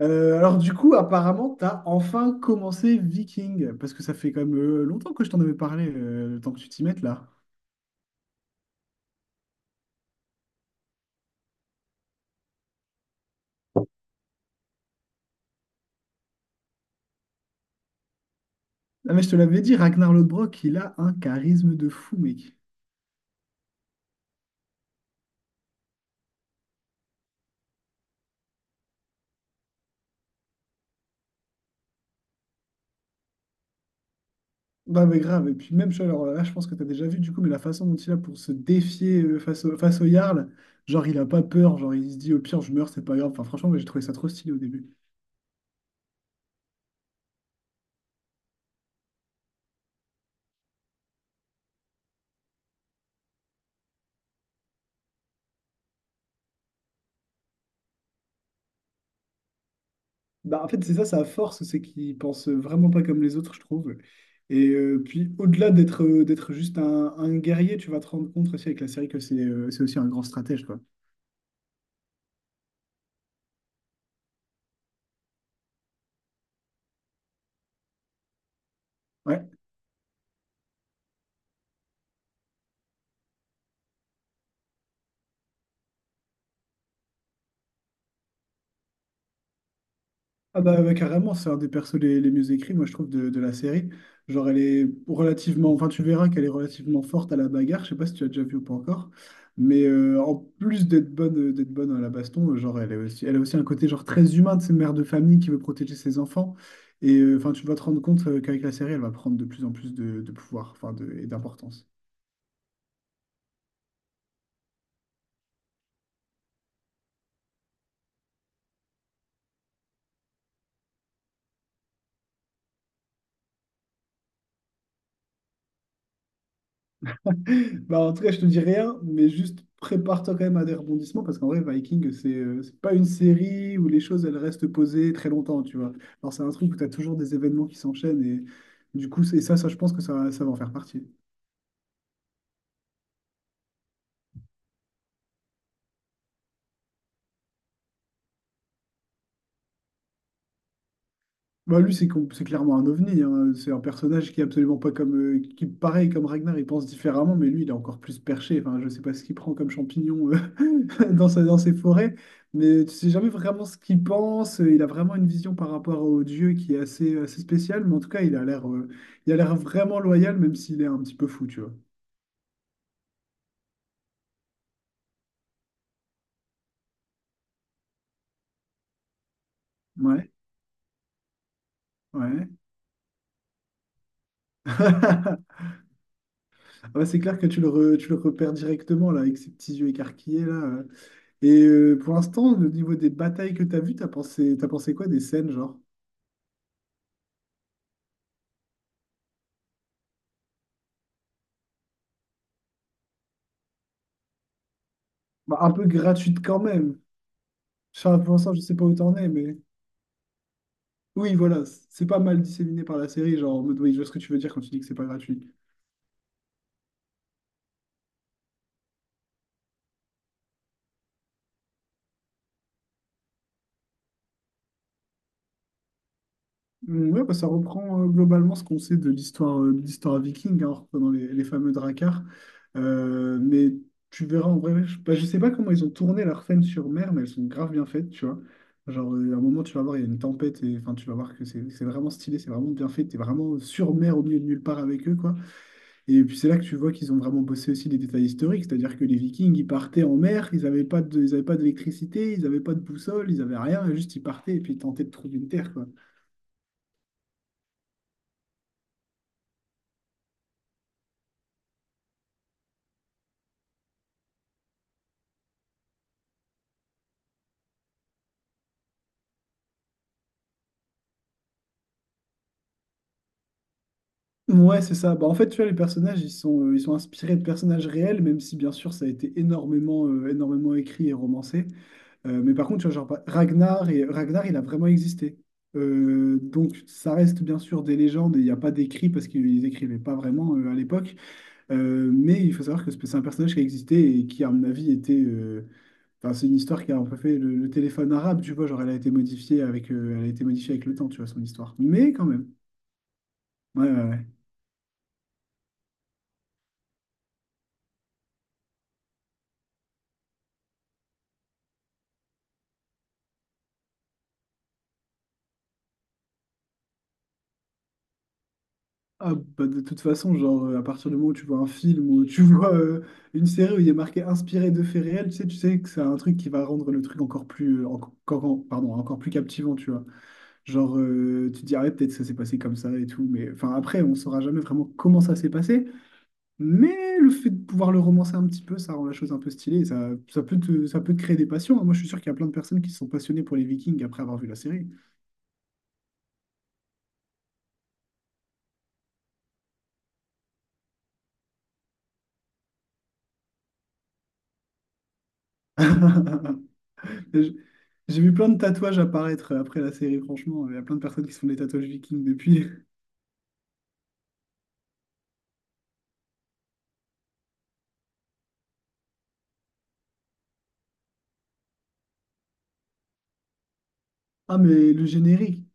Alors du coup, apparemment, t'as enfin commencé Viking, parce que ça fait quand même longtemps que je t'en avais parlé, le temps que tu t'y mettes là. Ah mais je te l'avais dit, Ragnar Lodbrok, il a un charisme de fou, mec. Bah mais grave, et puis même, alors là, je pense que t'as déjà vu du coup, mais la façon dont il a pour se défier face au Jarl, genre il a pas peur, genre il se dit au pire je meurs, c'est pas grave. Enfin franchement, moi, j'ai trouvé ça trop stylé au début. Bah, en fait, c'est ça sa force, c'est qu'il pense vraiment pas comme les autres, je trouve. Et puis, au-delà d'être juste un guerrier, tu vas te rendre compte aussi avec la série que c'est aussi un grand stratège, quoi. Ouais. Ah bah, ouais, carrément, c'est un des persos les mieux écrits, moi je trouve, de la série. Genre elle est relativement, enfin tu verras qu'elle est relativement forte à la bagarre, je sais pas si tu as déjà vu ou pas encore, mais en plus d'être bonne à la baston, genre elle est aussi, elle a aussi un côté genre très humain de cette mère de famille qui veut protéger ses enfants, et enfin tu vas te rendre compte qu'avec la série elle va prendre de plus en plus de pouvoir, enfin de, et d'importance. Bah, en tout cas, je te dis rien, mais juste prépare-toi quand même à des rebondissements parce qu'en vrai, Viking, c'est pas une série où les choses elles restent posées très longtemps, tu vois. Alors, c'est un truc où tu as toujours des événements qui s'enchaînent et du coup, c'est ça, ça, je pense que ça va en faire partie. Bah, lui, c'est clairement un ovni, hein. C'est un personnage qui est absolument pas comme, qui, pareil, comme Ragnar, il pense différemment, mais lui, il est encore plus perché. Enfin, je sais pas ce qu'il prend comme champignon dans ses forêts, mais tu sais jamais vraiment ce qu'il pense. Il a vraiment une vision par rapport au dieu qui est assez, assez spéciale, mais en tout cas, il a l'air vraiment loyal, même s'il est un petit peu fou, tu vois. Ouais, ouais. Ouais, c'est clair que tu le repères directement, là, avec ses petits yeux écarquillés, là. Pour l'instant, au niveau des batailles que tu as vues, t'as pensé quoi des scènes, genre? Bah, un peu gratuites quand même. Enfin, pour l'instant, je sais pas où t'en es. Oui, voilà, c'est pas mal disséminé par la série, genre en mode, oui, je vois ce que tu veux dire quand tu dis que c'est pas gratuit. Mm, ouais, bah, ça reprend globalement ce qu'on sait de l'histoire viking, hein, en reprenant les fameux Drakkar. Mais tu verras en vrai, bah, je sais pas comment ils ont tourné leurs scènes sur mer, mais elles sont grave bien faites, tu vois. Genre, à un moment, tu vas voir, il y a une tempête, et enfin, tu vas voir que c'est vraiment stylé, c'est vraiment bien fait, t'es vraiment sur mer au milieu de nulle part avec eux, quoi. Et puis, c'est là que tu vois qu'ils ont vraiment bossé aussi les détails historiques, c'est-à-dire que les Vikings, ils partaient en mer, ils avaient pas d'électricité, ils n'avaient pas de boussole, ils avaient rien, juste ils partaient et puis ils tentaient de trouver une terre, quoi. Ouais, c'est ça. Bah, en fait, tu vois, les personnages, ils sont inspirés de personnages réels, même si, bien sûr, ça a été énormément écrit et romancé. Mais par contre, tu vois, genre, bah, Ragnar, il a vraiment existé. Donc, ça reste, bien sûr, des légendes, et il n'y a pas d'écrit, parce qu'ils écrivaient pas vraiment à l'époque. Mais il faut savoir que c'est un personnage qui a existé et qui, à mon avis, était. Enfin, c'est une histoire qui a un peu fait le téléphone arabe, tu vois, genre, elle a été modifiée avec, elle a été modifiée avec le temps, tu vois, son histoire. Mais quand même. Ouais, ouais, ouais. Ah, bah, de toute façon, genre, à partir du moment où tu vois un film ou tu vois une série où il est marqué inspiré de faits réels, tu sais que c'est un truc qui va rendre le truc encore plus, enco- encore, pardon, encore plus captivant, tu vois. Genre, tu te dis, ah ouais, peut-être ça s'est passé comme ça et tout, mais enfin, après, on saura jamais vraiment comment ça s'est passé, mais le fait de pouvoir le romancer un petit peu, ça rend la chose un peu stylée, et ça, ça peut te créer des passions. Hein. Moi, je suis sûr qu'il y a plein de personnes qui se sont passionnées pour les Vikings après avoir vu la série. J'ai j'ai vu plein de tatouages apparaître après la série, franchement. Il y a plein de personnes qui se font des tatouages vikings depuis. Ah, mais le générique,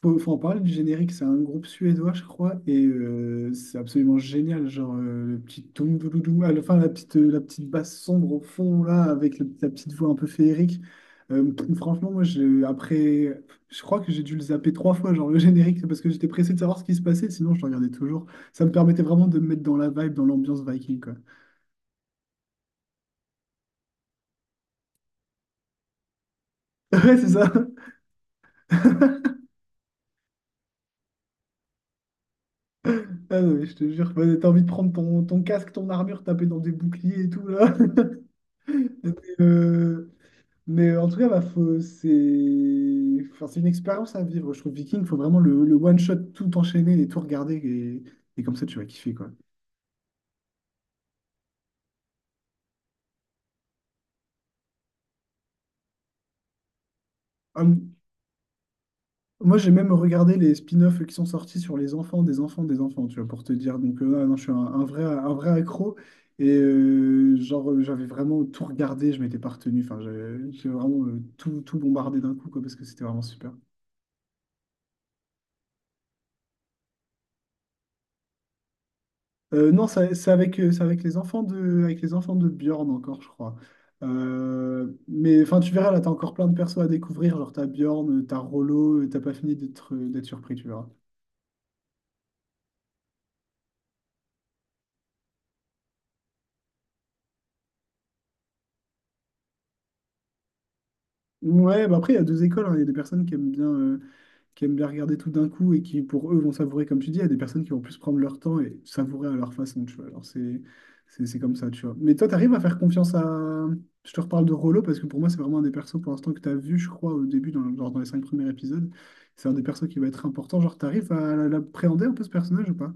faut en parler du générique, c'est un groupe suédois, je crois, et c'est absolument génial. Genre, le petit toum doudoudou, à la fin, la petite basse sombre au fond, là, avec la petite voix un peu féerique. Euh, franchement, Moi, après, je crois que j'ai dû le zapper trois fois, genre le générique, c'est parce que j'étais pressé de savoir ce qui se passait, sinon je le regardais toujours. Ça me permettait vraiment de me mettre dans la vibe, dans l'ambiance viking, quoi. Ouais, c'est ça. Ah non, mais je te jure, bah, t'as envie de prendre ton casque, ton armure, taper dans des boucliers et tout, là. Mais, euh, mais, en tout cas, bah, c'est enfin, c'est une expérience à vivre. Je trouve Viking, faut vraiment le one-shot, tout enchaîner et tout regarder. Et comme ça, tu vas kiffer, quoi. Hum, Moi, j'ai même regardé les spin-offs qui sont sortis sur les enfants des enfants des enfants, tu vois, pour te dire. Donc, ah non, je suis un vrai accro. Et genre, j'avais vraiment tout regardé, je m'étais pas retenu. Enfin, j'ai vraiment tout bombardé d'un coup, quoi, parce que c'était vraiment super. Non, c'est avec les enfants de Bjorn encore, je crois. Mais enfin, tu verras, là, t'as encore plein de persos à découvrir. Genre, t'as Bjorn, t'as Rollo, t'as pas fini d'être surpris, tu verras. Ouais, bah après, il y a deux écoles. Hein. Il y a des personnes qui aiment bien regarder tout d'un coup et qui, pour eux, vont savourer, comme tu dis, il y a des personnes qui vont plus prendre leur temps et savourer à leur façon, tu vois. Alors, c'est comme ça, tu vois. Mais toi, tu arrives à faire confiance à. Je te reparle de Rollo parce que pour moi, c'est vraiment un des persos pour l'instant que tu as vu, je crois, au début, genre dans les cinq premiers épisodes. C'est un des persos qui va être important. Genre, tu arrives à l'appréhender un peu ce personnage ou pas?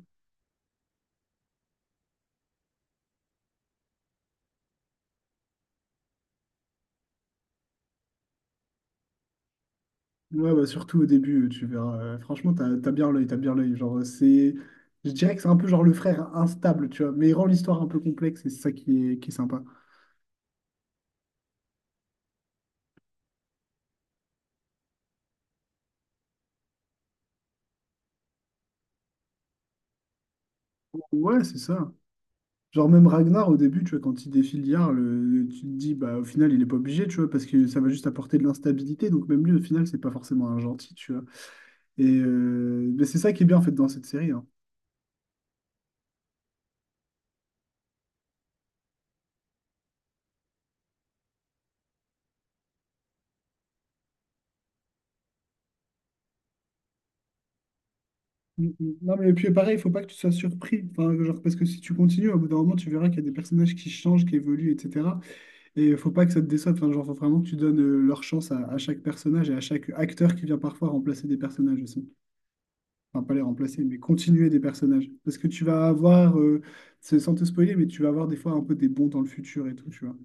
Ouais, bah surtout au début, tu verras. Franchement, t'as bien l'œil, t'as bien l'œil. Genre, c'est. Je dirais que c'est un peu genre le frère instable, tu vois, mais il rend l'histoire un peu complexe et c'est ça qui est sympa. Ouais, c'est ça. Genre même Ragnar au début, tu vois, quand il défie l'IA, tu te dis bah au final il est pas obligé, tu vois, parce que ça va juste apporter de l'instabilité, donc même lui au final c'est pas forcément un gentil, tu vois. Mais c'est ça qui est bien en fait dans cette série. Hein. Mm, mm. Non mais puis pareil, il faut pas que tu sois surpris, enfin, genre, parce que si tu continues, au bout d'un moment tu verras qu'il y a des personnages qui changent, qui évoluent, etc. Et faut pas que ça te déçoive, enfin, genre faut vraiment que tu donnes leur chance à chaque personnage et à chaque acteur qui vient parfois remplacer des personnages aussi. Enfin pas les remplacer, mais continuer des personnages. Parce que tu vas avoir, sans te spoiler, mais tu vas avoir des fois un peu des bons dans le futur et tout, tu vois.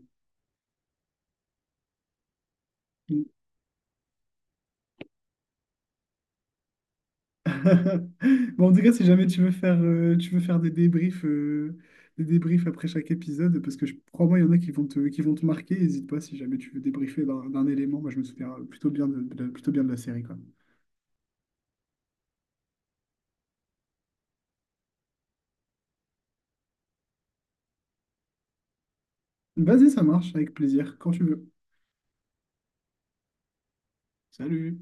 Bon, en tout cas, si jamais tu veux faire des débriefs après chaque épisode, parce que je crois-moi, il y en a qui vont te marquer, n'hésite pas si jamais tu veux débriefer d'un élément. Moi, je me souviens plutôt bien de la série, quoi. Vas-y, ça marche, avec plaisir, quand tu veux. Salut!